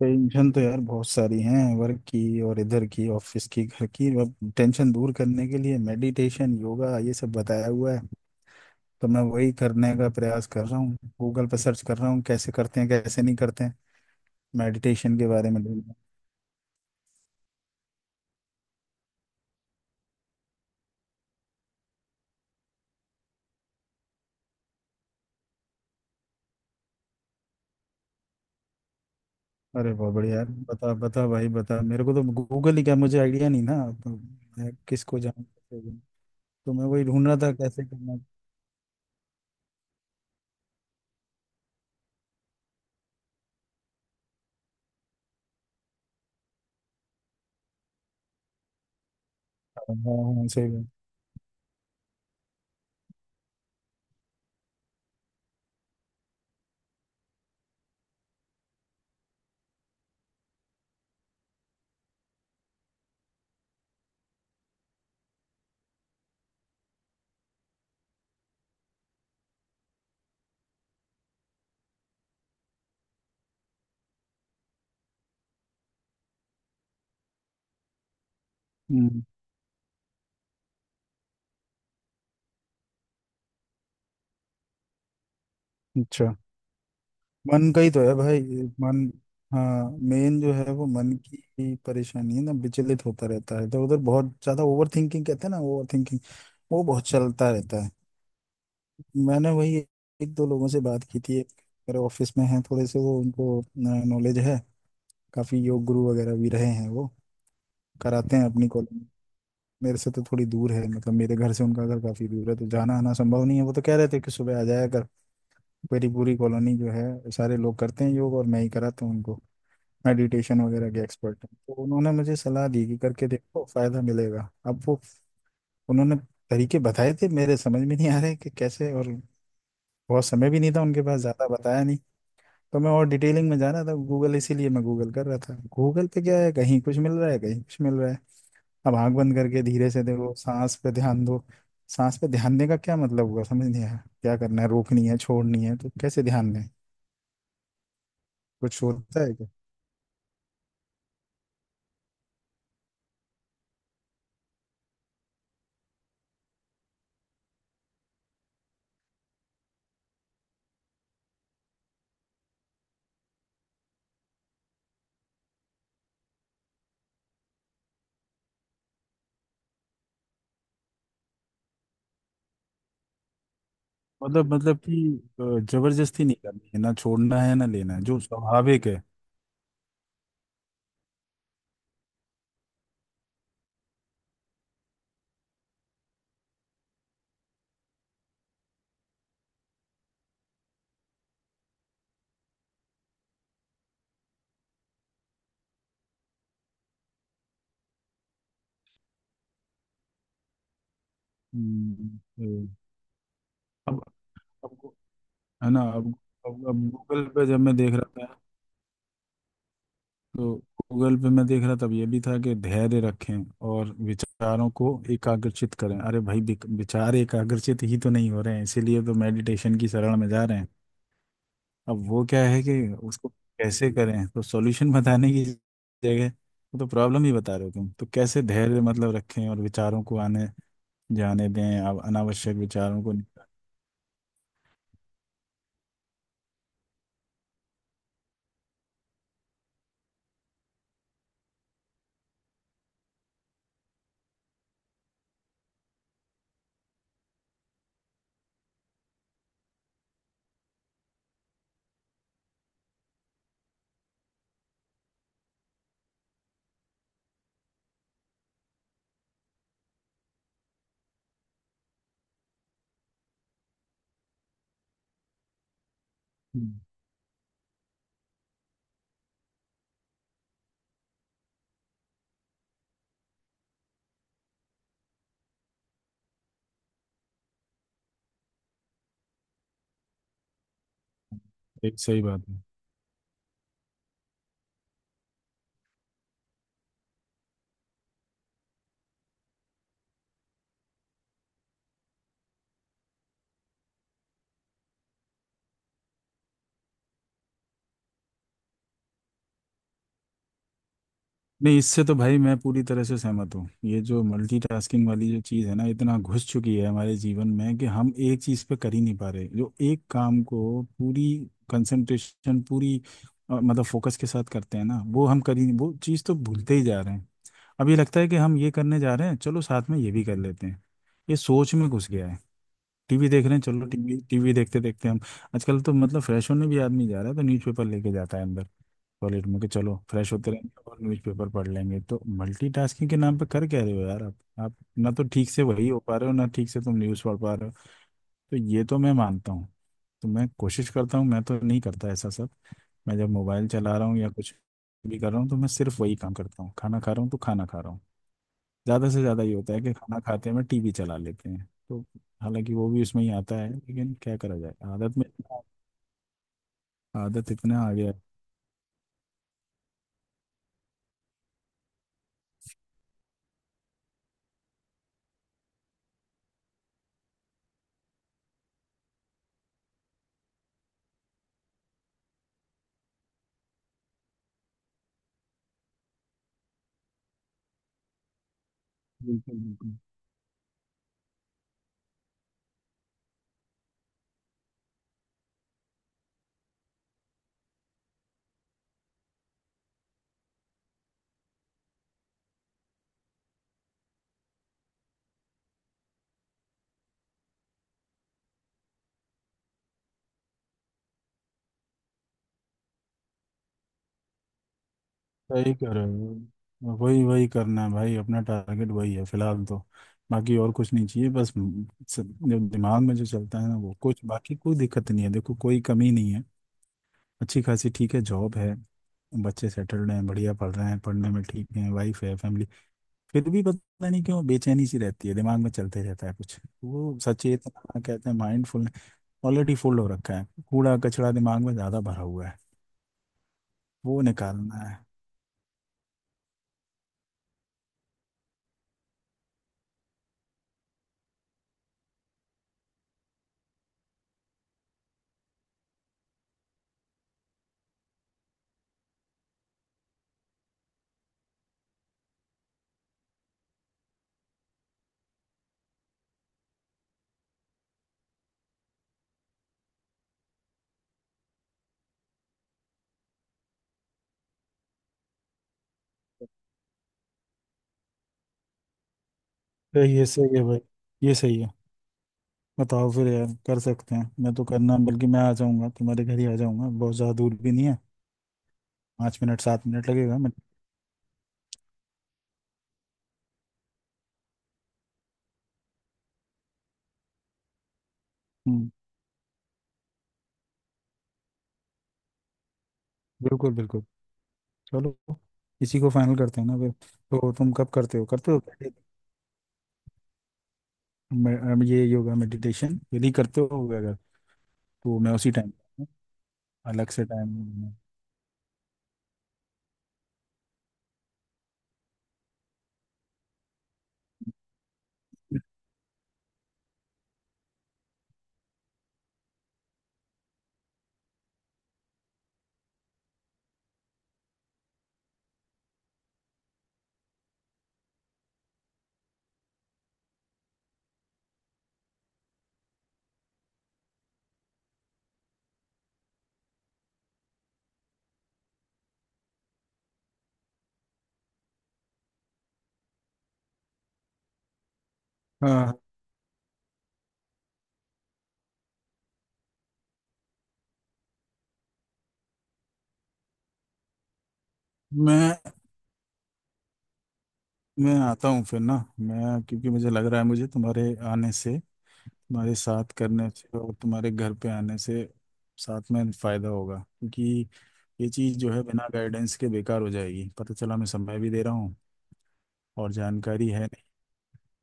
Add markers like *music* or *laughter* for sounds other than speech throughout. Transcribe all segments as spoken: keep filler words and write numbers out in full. Tension तो यार बहुत सारी हैं। वर्क की और इधर की, ऑफिस की, घर की। अब टेंशन दूर करने के लिए मेडिटेशन, योगा ये सब बताया हुआ है, तो मैं वही करने का प्रयास कर रहा हूँ। गूगल पर सर्च कर रहा हूँ, कैसे करते हैं, कैसे नहीं करते हैं। मेडिटेशन के बारे में ढूंढ रहा। हूं। अरे बहुत बढ़िया यार, बता बता भाई बता, मेरे को तो गूगल ही क्या, मुझे आइडिया नहीं ना। तो मैं किसको जाऊँ? तो मैं वही ढूंढ रहा था कैसे करना। हाँ हाँ हाँ, सही बात। हम्म, अच्छा। मन का ही तो है भाई। मन। हाँ, मेन जो है वो मन की ही परेशानी है ना। विचलित होता रहता है इधर उधर, बहुत ज्यादा ओवर थिंकिंग कहते हैं ना, ओवर थिंकिंग। वो बहुत चलता रहता है। मैंने वही एक दो लोगों से बात की थी। एक मेरे ऑफिस में हैं थोड़े से, वो उनको नॉलेज है। काफी योग गुरु वगैरह भी रहे हैं वो। कराते हैं अपनी कॉलेज में। मेरे से तो थोड़ी दूर है, मतलब मेरे घर से उनका घर काफी दूर है, तो जाना आना संभव नहीं है। वो तो कह रहे थे कि सुबह आ जाया कर। मेरी पूरी कॉलोनी जो है सारे लोग करते हैं योग, और मैं ही कराता हूँ उनको। मेडिटेशन वगैरह के एक्सपर्ट हैं, तो उन्होंने मुझे सलाह दी कि करके देखो, फायदा मिलेगा। अब वो उन्होंने तरीके बताए थे, मेरे समझ में नहीं आ रहे कि कैसे, और बहुत समय भी नहीं था उनके पास, ज़्यादा बताया नहीं। तो मैं और डिटेलिंग में जा रहा था गूगल, इसीलिए मैं गूगल कर रहा था। गूगल पे क्या है, कहीं कुछ मिल रहा है, कहीं कुछ मिल रहा है। अब आंख बंद करके धीरे से देखो, सांस पे ध्यान दो। सांस पे ध्यान देने का क्या मतलब हुआ, समझ नहीं आया। क्या करना है, रोकनी है, छोड़नी है, तो कैसे ध्यान दें? कुछ होता है? मतलब मतलब कि अ, जबरदस्ती नहीं करनी है, ना छोड़ना है, ना लेना है, जो स्वाभाविक है। हम्म, हम्म। अब अब है ना? अब अब, अब गूगल पे जब मैं देख रहा था, तो गूगल पे मैं देख रहा था, तब ये भी था कि धैर्य रखें और विचारों को एकाग्रचित करें। अरे भाई, विक- विचार एकाग्रचित ही तो नहीं हो रहे हैं, इसीलिए तो मेडिटेशन की शरण में जा रहे हैं। अब वो क्या है कि उसको कैसे करें, तो सॉल्यूशन *laughs* बताने की जगह वो तो प्रॉब्लम ही बता रहे हो तुम तो। कैसे धैर्य मतलब रखें, और विचारों को आने जाने दें अब, अनावश्यक विचारों को। हम्म, एक सही बात है। नहीं, इससे तो भाई मैं पूरी तरह से सहमत हूँ। ये जो मल्टीटास्किंग वाली जो चीज़ है ना, इतना घुस चुकी है हमारे जीवन में कि हम एक चीज़ पे कर ही नहीं पा रहे। जो एक काम को पूरी कंसंट्रेशन, पूरी अ, मतलब फोकस के साथ करते हैं ना, वो हम कर ही नहीं, वो चीज़ तो भूलते ही जा रहे हैं। अब ये लगता है कि हम ये करने जा रहे हैं, चलो साथ में ये भी कर लेते हैं, ये सोच में घुस गया है। टीवी देख रहे हैं, चलो टीवी, टीवी देखते देखते हम आजकल तो मतलब फ्रेश होने भी आदमी जा रहा है, तो न्यूज़पेपर लेके जाता है अंदर टॉयलेट में कि चलो फ्रेश होते रहेंगे और न्यूज़पेपर पढ़ लेंगे। तो मल्टीटास्किंग के नाम पे कर क्या रहे हो यार, आप आप ना तो ठीक से वही हो पा रहे हो, ना ठीक से तुम न्यूज़ पढ़ पा रहे हो। तो ये तो मैं मानता हूँ। तो मैं कोशिश करता हूँ, मैं तो नहीं करता ऐसा सब। मैं जब मोबाइल चला रहा हूँ या कुछ भी कर रहा हूँ, तो मैं सिर्फ वही काम करता हूँ। खाना खा रहा हूँ तो खाना खा रहा हूँ। ज़्यादा से ज़्यादा ये होता है कि खाना खाते में टीवी चला लेते हैं, तो हालांकि वो भी उसमें ही आता है, लेकिन क्या करा जाए, आदत में आदत इतना आ गया है। बिल्कुल बिल्कुल सही कह रहे हो। वही वही करना है भाई, अपना टारगेट वही है फिलहाल तो। बाकी और कुछ नहीं चाहिए, बस म, स- जो दिमाग में जो चलता है ना वो। कुछ बाकी कोई दिक्कत नहीं है, देखो कोई कमी नहीं है। अच्छी खासी ठीक है, जॉब है, बच्चे सेटल्ड हैं, बढ़िया पढ़ रहे हैं, पढ़ने में ठीक हैं, वाइफ है, फैमिली। फिर भी पता नहीं क्यों बेचैनी सी रहती है, दिमाग में चलते रहता है कुछ। वो सचेतना कहते हैं, माइंडफुल। ऑलरेडी फुल हो रखा है, कूड़ा कचरा दिमाग में ज्यादा भरा हुआ है। वो निकालना है। तो ये सही है भाई, ये सही है। बताओ फिर यार, कर सकते हैं। मैं तो करना, बल्कि मैं आ जाऊंगा तुम्हारे घर ही आ जाऊंगा, बहुत ज्यादा दूर भी नहीं है। पाँच मिनट सात मिनट लगेगा मैं। हम्म, बिल्कुल बिल्कुल। चलो इसी को फाइनल करते हैं ना फिर। तो तुम कब करते हो करते हो? मैं- अम, ये योगा मेडिटेशन यदि करते हो अगर, तो मैं उसी टाइम, अलग से टाइम। हाँ, मैं मैं आता हूँ फिर ना। मैं क्योंकि मुझे लग रहा है, मुझे तुम्हारे आने से, तुम्हारे साथ करने से और तुम्हारे घर पे आने से साथ में फायदा होगा। क्योंकि ये चीज़ जो है बिना गाइडेंस के बेकार हो जाएगी, पता चला मैं समय भी दे रहा हूँ और जानकारी है नहीं,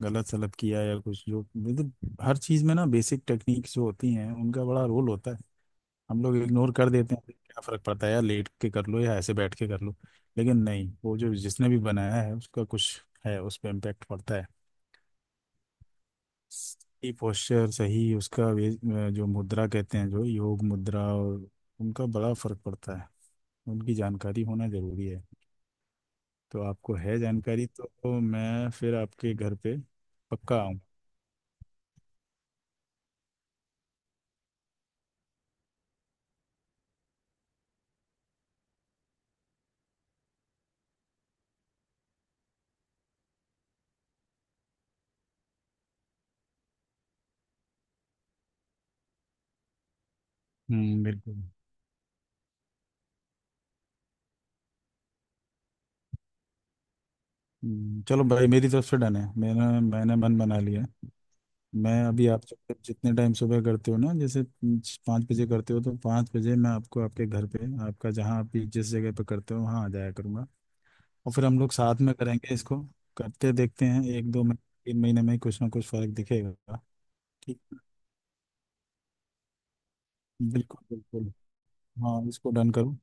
गलत सलत किया या कुछ। जो मतलब हर चीज़ में ना बेसिक टेक्निक्स जो होती हैं उनका बड़ा रोल होता है। हम लोग इग्नोर कर देते हैं, क्या फर्क पड़ता है यार लेट के कर लो या ऐसे बैठ के कर लो, लेकिन नहीं, वो जो जिसने भी बनाया है उसका कुछ है, उस पर इम्पेक्ट पड़ता है। सही पोस्चर, सही उसका वे जो मुद्रा कहते हैं, जो योग मुद्रा, और उनका बड़ा फर्क पड़ता है, उनकी जानकारी होना जरूरी है। तो आपको है जानकारी, तो मैं फिर आपके घर पे पक्का आऊँ। हम्म, बिल्कुल। हम्म, चलो भाई मेरी तरफ से डन है, मैंने मैंने मन बना लिया। मैं अभी आप जो- जितने टाइम सुबह करते हो ना, जैसे पाँच बजे करते हो, तो पाँच बजे मैं आपको आपके घर पे, आपका जहाँ आप भी जिस जगह पे करते हो वहाँ आ जाया करूँगा। और फिर हम लोग साथ में करेंगे इसको। करते देखते हैं एक दो महीने, तीन महीने में कुछ ना कुछ फर्क दिखेगा। ठीक। बिल्कुल बिल्कुल। हाँ, इसको डन करो।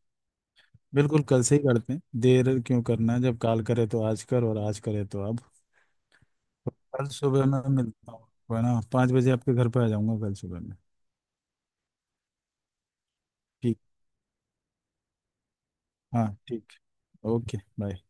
बिल्कुल कल से ही करते हैं, देर क्यों करना है? जब काल करे तो आज कर, और आज करे तो अब। तो कल सुबह मैं मिलता हूँ, है ना? पाँच बजे आपके घर पे आ जाऊँगा कल सुबह में। ठीक। हाँ ठीक। Okay bye.